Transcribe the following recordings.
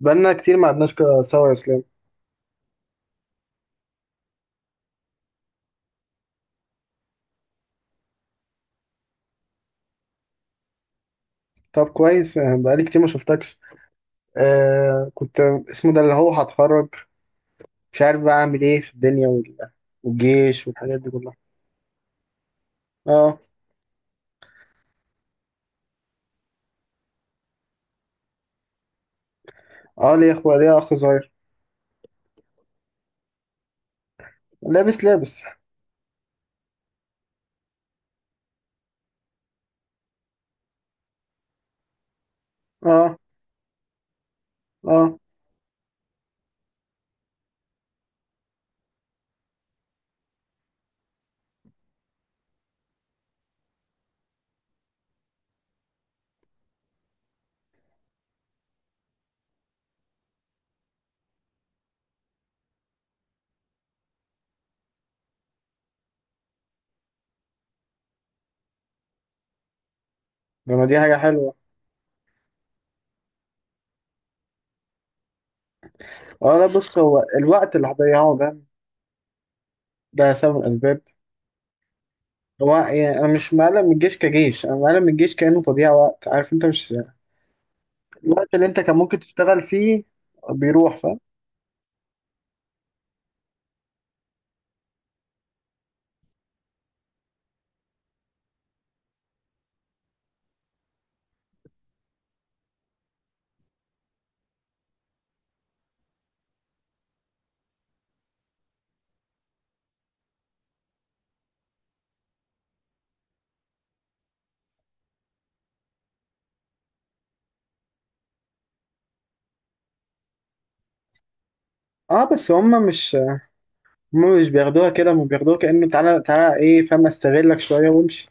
بقالنا كتير ما قعدناش سوا يا اسلام. طب كويس، بقالي كتير ما شفتكش. كنت، اسمه ده اللي هو هتخرج، مش عارف بقى اعمل ايه في الدنيا والجيش والحاجات دي كلها. اه. اه، ليه اخويا؟ ليه اخ صغير. لابس لابس. اه. اه، لما دي حاجة حلوة. اه، لا بص، هو الوقت اللي هضيعه ده، ده سبب من الأسباب. هو يعني أنا مش مقلق من الجيش كجيش، أنا مقلق من الجيش كأنه تضييع وقت، عارف أنت؟ مش الوقت اللي أنت كان ممكن تشتغل فيه بيروح، فاهم. اه، بس هما مش بياخدوها كده، هما بياخدوها كأنه تعالى تعالى ايه، فاهم، استغلك شوية وامشي.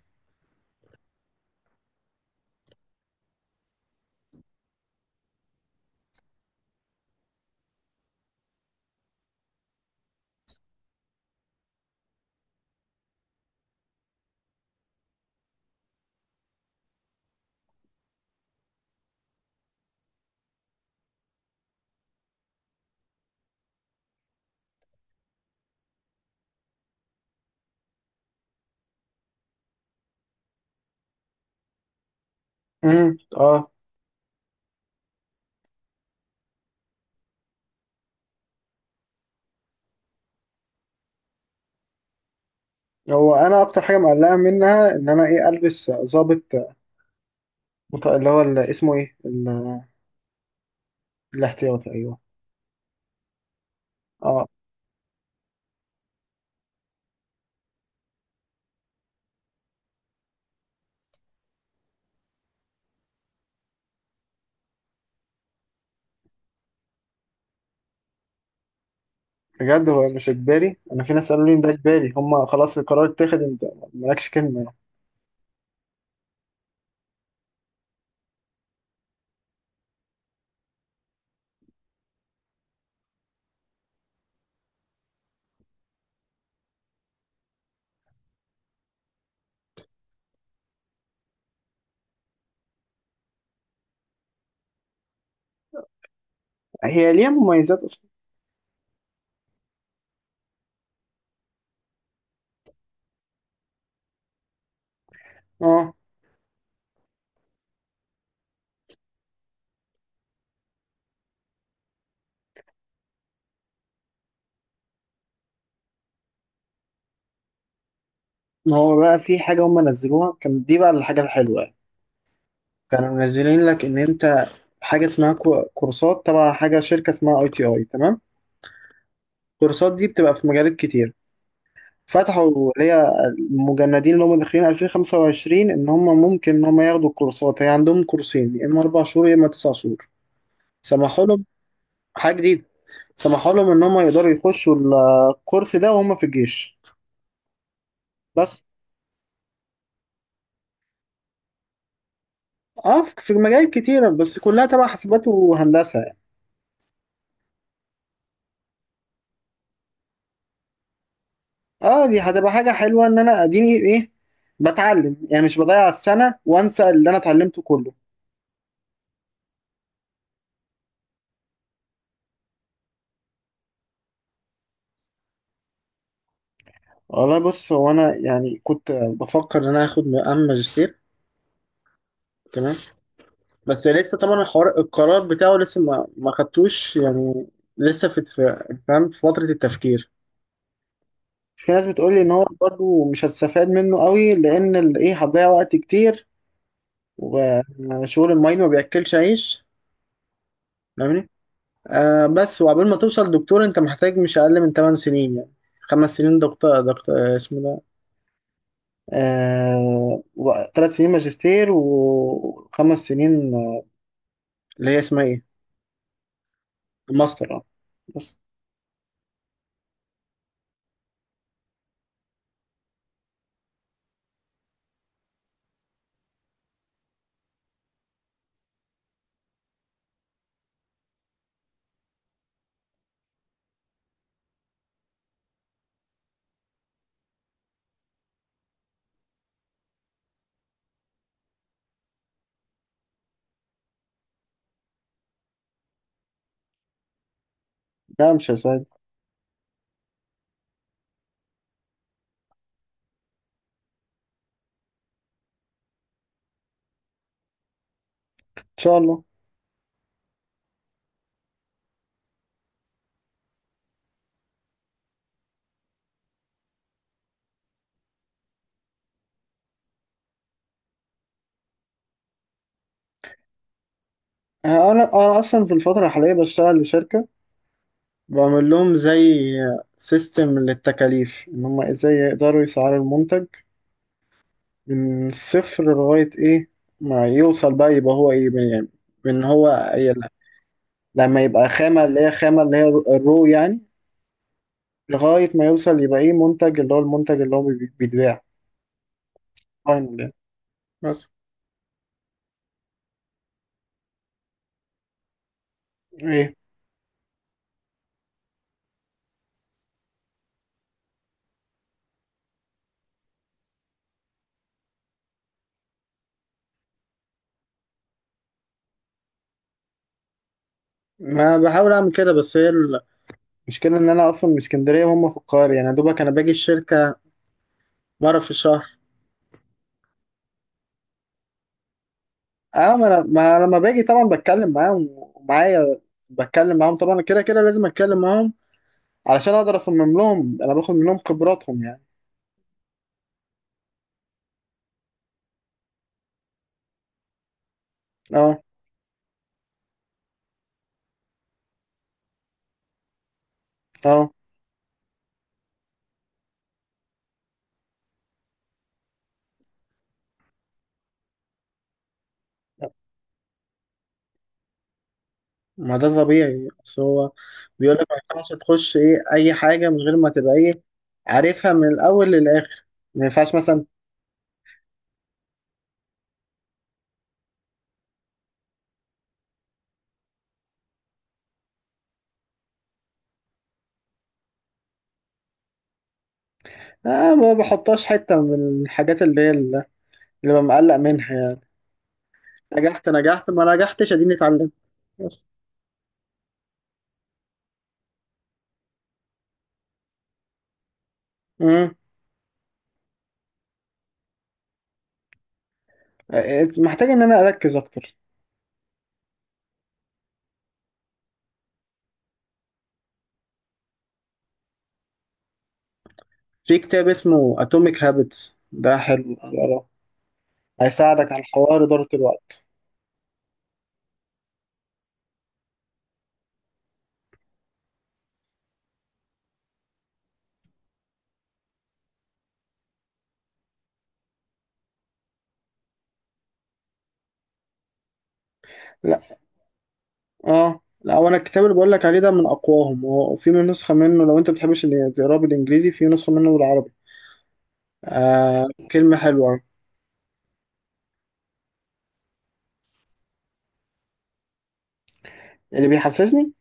اه. هو انا اكتر حاجة مقلقة منها، ان انا ايه، البس ظابط، اللي هو اللي اسمه ايه، الاحتياطي، ايوه. اه بجد، هو مش اجباري؟ انا في ناس قالوا لي ان ده اجباري، هما خلاص القرار اتاخد، انت مالكش كلمة يعني. هي ليها مميزات اصلا. اه، ما هو بقى في حاجة هما نزلوها كان، دي بقى الحاجة الحلوة يعني. كانوا منزلين لك، ان انت حاجة اسمها كورسات تبع حاجة، شركة اسمها ITI، تمام. الكورسات دي بتبقى في مجالات كتير، فتحوا اللي هي المجندين اللي هم داخلين 2025 ان هم ممكن ان هم ياخدوا الكورسات. هي عندهم كورسين، يا اما 4 شهور يا اما 9 شهور. سمحوا لهم، حاجه جديده، سمحوا لهم ان هم يقدروا يخشوا الكورس ده وهم في الجيش. بس اه، في في مجالات كتيره، بس كلها تبع حاسبات وهندسه يعني. اه دي هتبقى حاجه حلوه، ان انا اديني ايه، بتعلم يعني، مش بضيع السنه وانسى اللي انا اتعلمته كله. والله بص، هو انا يعني كنت بفكر ان انا اخد مقام ماجستير. تمام. بس لسه طبعا الحوار، القرار بتاعه لسه ما خدتوش يعني، لسه في فاهم، في فترة التفكير. في ناس بتقول لي ان هو برضو مش هتستفاد منه قوي، لان ايه، هتضيع وقت كتير، وشغل الماين ما بياكلش عيش، فاهمني. بس وعقبال ما توصل دكتور انت محتاج مش اقل من 8 سنين يعني، 5 سنين دكتور دكتور، اسمه ده، آه، 3 سنين ماجستير وخمس سنين، اللي هي اسمها ايه، ماستر. اه بس. ده مش هيساعد. شاء الله. انا اصلا في الفتره الحاليه بشتغل لشركه، بعمل لهم زي سيستم للتكاليف، ان هم ازاي يقدروا يسعروا المنتج من الصفر لغايه ايه ما يوصل، بقى يبقى هو ايه يعني، من هو ي- لما يبقى خامه، اللي هي الرو يعني، لغايه ما يوصل يبقى ايه منتج، اللي هو المنتج اللي هو بيتباع، فاينل يعني. بس ايه. ما بحاول اعمل كده، بس هي المشكله ان انا اصلا من اسكندريه وهم في القاهره، يعني يا دوبك انا باجي الشركه مره في الشهر. اه، ما أنا لما باجي طبعا بتكلم معاهم، ومعايا بتكلم معاهم طبعا، كده كده لازم اتكلم معاهم علشان اقدر اصمم لهم، انا باخد منهم خبراتهم يعني. اه. اه، ما ده طبيعي، بس هو بيقول لك ما ينفعش تخش ايه اي حاجه من غير ما تبقى ايه، عارفها من الاول للاخر. ما ينفعش مثلا، انا ما بحطهاش حته من الحاجات اللي هي اللي ببقى مقلق منها يعني. نجحت نجحت، ما نجحتش اديني اتعلمت. بس. امم محتاج ان انا اركز اكتر. في كتاب اسمه اتوميك هابتس ده، حلو اقراه، هيساعدك على حوار إدارة الوقت. لا. اه، لا، وانا الكتاب اللي بقول لك عليه ده من اقواهم، وفي من نسخة منه، لو انت بتحبش اللي تقراه بالانجليزي في نسخة منه بالعربي. آه، كلمة حلوة. اللي بيحفزني،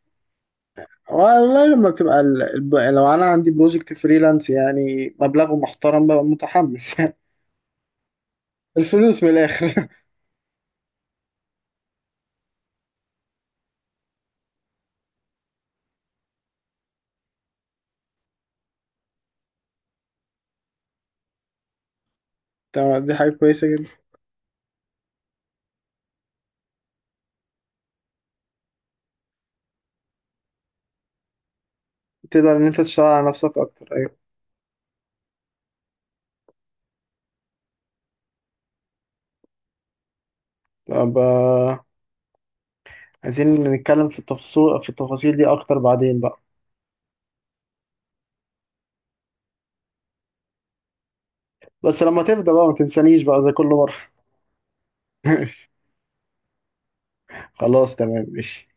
والله لما بتبقى لو انا عندي بروجكت فريلانس يعني مبلغه محترم، ببقى متحمس يعني. الفلوس من الاخر. تمام، دي حاجة كويسة جدا. تقدر ان انت تشتغل على نفسك اكتر، ايوه. طب، عايزين نتكلم في التفاصيل، دي اكتر بعدين بقى. بس لما تفضى بقى ما تنسانيش بقى زي كل مرة. ماشي، خلاص تمام ماشي.